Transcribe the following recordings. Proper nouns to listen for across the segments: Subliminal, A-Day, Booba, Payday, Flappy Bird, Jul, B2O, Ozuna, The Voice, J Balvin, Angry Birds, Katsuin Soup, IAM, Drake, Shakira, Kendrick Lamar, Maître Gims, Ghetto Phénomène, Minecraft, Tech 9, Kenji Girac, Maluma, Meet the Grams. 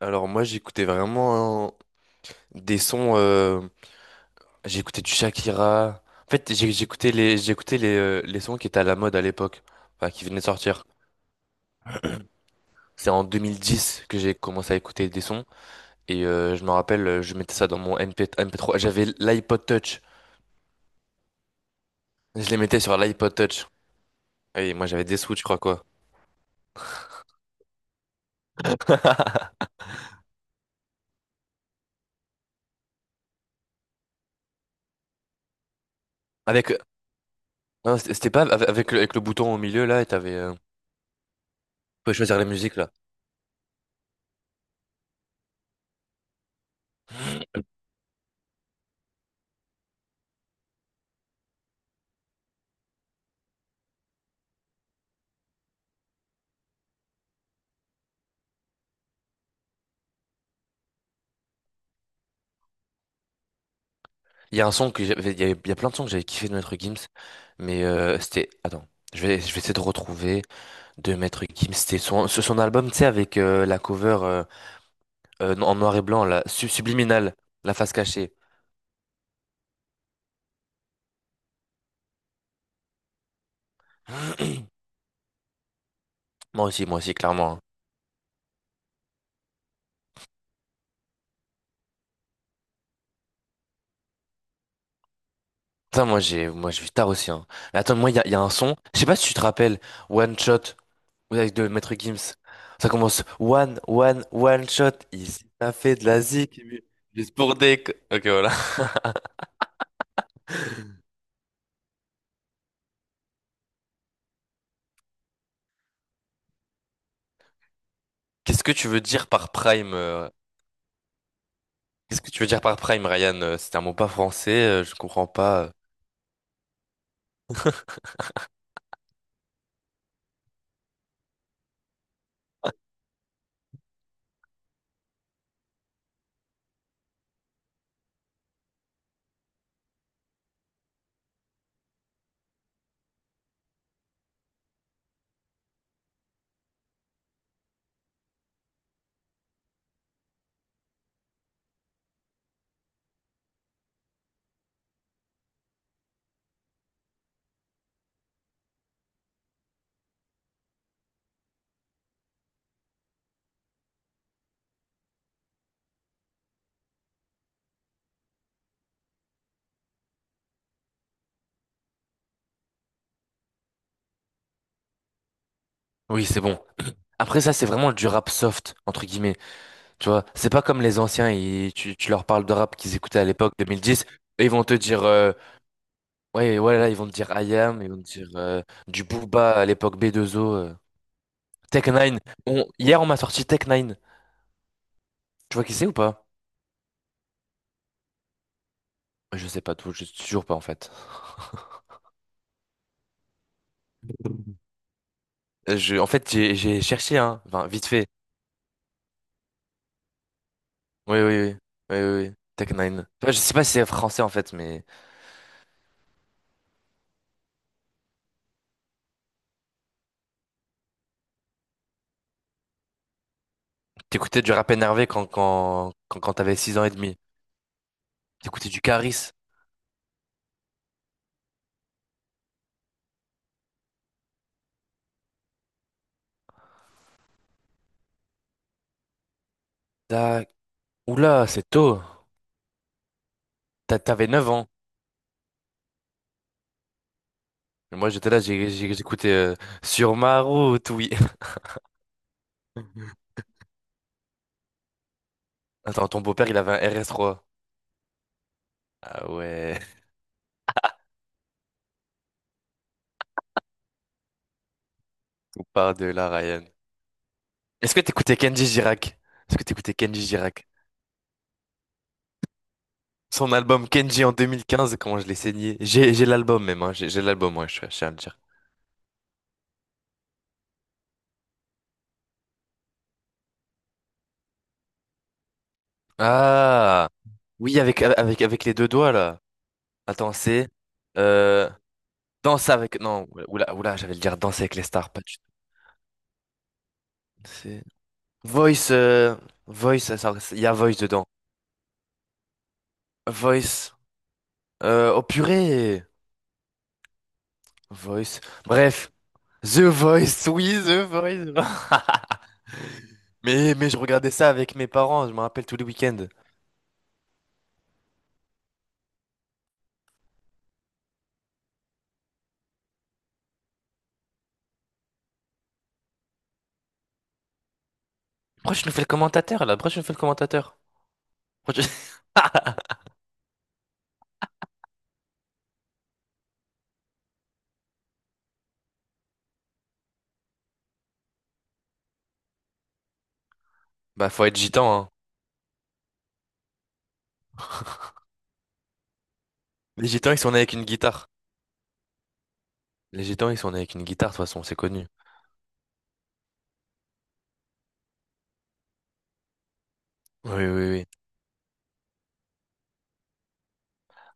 Alors moi j'écoutais vraiment, hein, des sons, j'écoutais du Shakira. En fait, j'écoutais les sons qui étaient à la mode à l'époque, enfin qui venaient de sortir. C'est en 2010 que j'ai commencé à écouter des sons et je me rappelle, je mettais ça dans mon MP3 j'avais l'iPod Touch. Je les mettais sur l'iPod Touch. Et moi j'avais des sous, je crois quoi. Avec non, c'était pas avec le, avec le bouton au milieu là, et t'avais tu pouvais choisir les musiques là. Il y a un son que j'avais, il y a plein de sons que j'avais kiffé de Maître Gims, mais c'était, attends, je vais essayer de retrouver de Maître Gims. C'était son, son album, tu sais, avec la cover en noir et blanc, la Subliminal, la face cachée. Moi aussi, clairement, hein. Ça, moi, moi, je suis tard aussi, hein. Mais attends, moi, il y a un son. Je sais pas si tu te rappelles, One Shot, ouais, avec de Maître Gims. Ça commence One, One, One Shot. Il a fait de la zik, mais juste pour des. Ok, voilà. Qu'est-ce que tu veux dire par prime? Qu'est-ce que tu veux dire par prime, Ryan? C'est un mot pas français, je comprends pas. Oui, c'est bon. Après ça, c'est vraiment du rap soft, entre guillemets. Tu vois, c'est pas comme les anciens, tu leur parles de rap qu'ils écoutaient à l'époque 2010, et ils vont te dire, ouais, ouais, là, ils vont te dire IAM, ils vont te dire du Booba à l'époque B2O. Tech 9. Hier, on m'a sorti Tech 9. Tu vois qui c'est ou pas? Je sais pas tout, je sais toujours pas en fait. Je, en fait, j'ai cherché, hein, enfin, vite fait. Oui, oui, oui, oui, oui, oui. Tech 9. Tu vois, je sais pas si c'est français en fait, mais. T'écoutais du rap énervé quand t'avais 6 ans et demi. T'écoutais du Caris. T'as- Oula, c'est tôt. T'avais 9 ans. Et moi, j'étais là, j'écoutais Sur ma route, oui. Attends, ton beau-père, il avait un RS3. Ah ouais, on part de là, Ryan. Est-ce que t'écoutais Kenji Girac? Est-ce que t'écoutais Kenji Girac? Son album Kenji en 2015, comment je l'ai saigné. J'ai l'album même, hein. J'ai l'album, ouais, je tiens à le dire. Ah! Oui, avec les deux doigts, là. Attends, c'est... euh, Danse avec... Non, oula, oula, j'allais le dire Danse avec les stars, pas du tout. C'est... Voice, Voice, ça, il y a Voice dedans. Voice, oh purée, Voice. Bref, The Voice, oui, The Voice. Mais je regardais ça avec mes parents, je me rappelle tous les week-ends. Pourquoi je nous fais le commentateur, là? Pourquoi je nous fais le commentateur? Pourquoi je- Bah, faut être gitan, hein. Les gitans, ils sont nés avec une guitare. Les gitans, ils sont nés avec une guitare, de toute façon, c'est connu. Oui, oui, oui.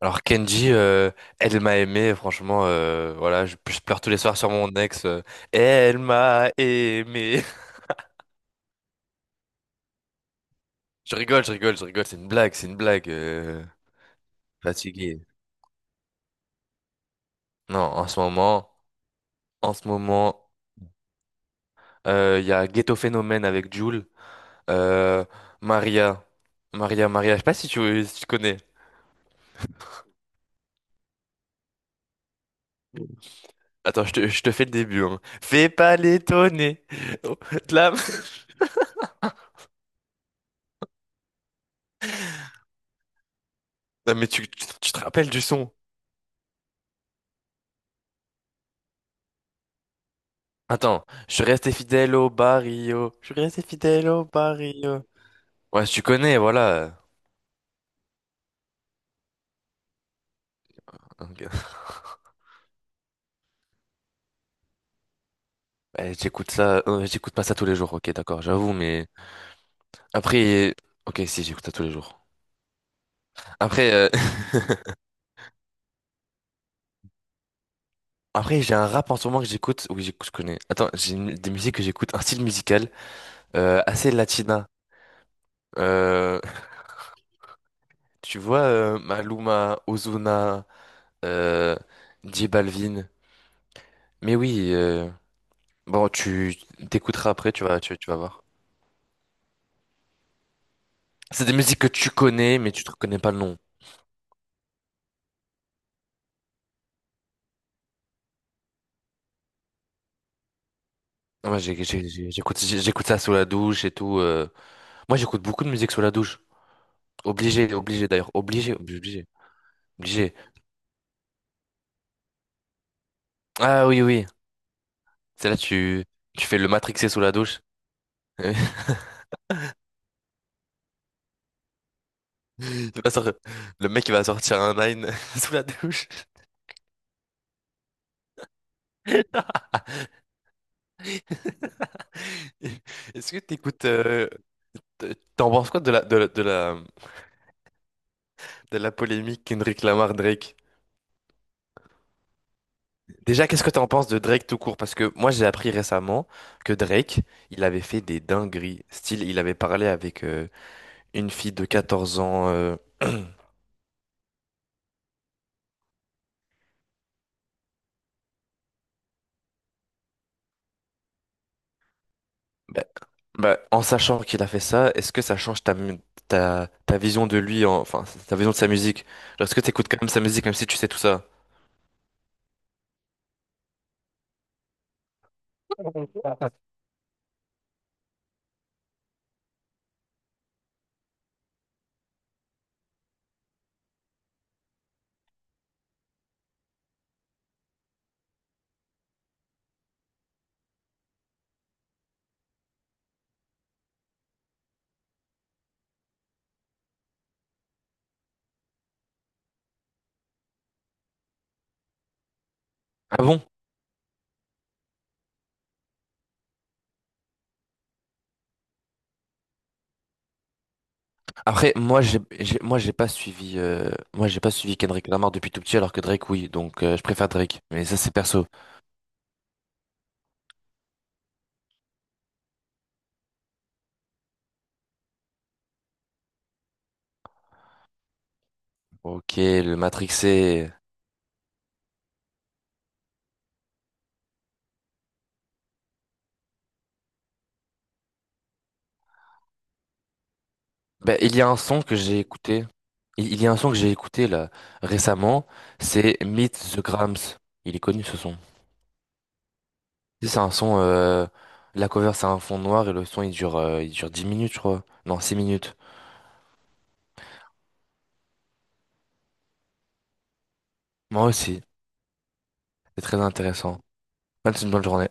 Alors Kenji, elle m'a aimé, franchement, voilà, je pleure tous les soirs sur mon ex. Elle m'a aimé. Je rigole, je rigole, je rigole, c'est une blague, c'est une blague. Fatigué. Non, en ce moment, en ce moment, il y a Ghetto Phénomène avec Jul, euh, Maria, Maria, Maria. Je sais pas si tu, connais. Attends, je te fais le début, hein. Fais pas l'étonner. Oh, de la- Non mais tu te rappelles du son? Attends, je suis resté fidèle au barrio. Je suis resté fidèle au barrio. Ouais, si tu connais, voilà. Ok. Ouais, j'écoute ça. J'écoute pas ça tous les jours, ok, d'accord, j'avoue, mais. Après. Ok, si, j'écoute ça tous les jours. Après, Après, j'ai un rap en ce moment que j'écoute. Oui, j'écoute, je connais. Attends, des musiques que j'écoute, un style musical assez latina. Euh, Tu vois, Maluma, Ozuna, euh, J Balvin. Mais oui, bon, tu t'écouteras après, tu vas voir. C'est des musiques que tu connais, mais tu te reconnais pas le nom. Ah, moi, j'écoute, j'écoute ça sous la douche et tout. Moi, j'écoute beaucoup de musique sous la douche. Obligé, obligé d'ailleurs. Obligé, obligé, obligé. Obligé. Ah oui, oui. C'est là, tu fais le matrixé sous la douche. Tu vas sortir- Le mec, il va sortir un nine sous la douche. Est-ce que t'écoutes, t'en penses quoi de la, de la polémique Kendrick Lamar Drake? Déjà, qu'est-ce que t'en penses de Drake tout court? Parce que moi, j'ai appris récemment que Drake, il avait fait des dingueries. Style, il avait parlé avec une fille de 14 ans. Bah, en sachant qu'il a fait ça, est-ce que ça change ta vision de lui, enfin, ta vision de sa musique? Genre, est-ce que t'écoutes quand même sa musique, même si tu sais tout ça? Ah bon? Après, moi, moi, j'ai pas suivi, moi, j'ai pas suivi Kendrick Lamar depuis tout petit, alors que Drake, oui. Donc, je préfère Drake. Mais ça, c'est perso. Ok, le Matrixé. Ben, il y a un son que j'ai écouté. Il y a un son que j'ai écouté là récemment. C'est Meet the Grams. Il est connu ce son. Tu sais, c'est un son, la cover c'est un fond noir et le son il dure 10 minutes, je crois. Non, 6 minutes. Moi aussi. C'est très intéressant. Passe une bonne journée.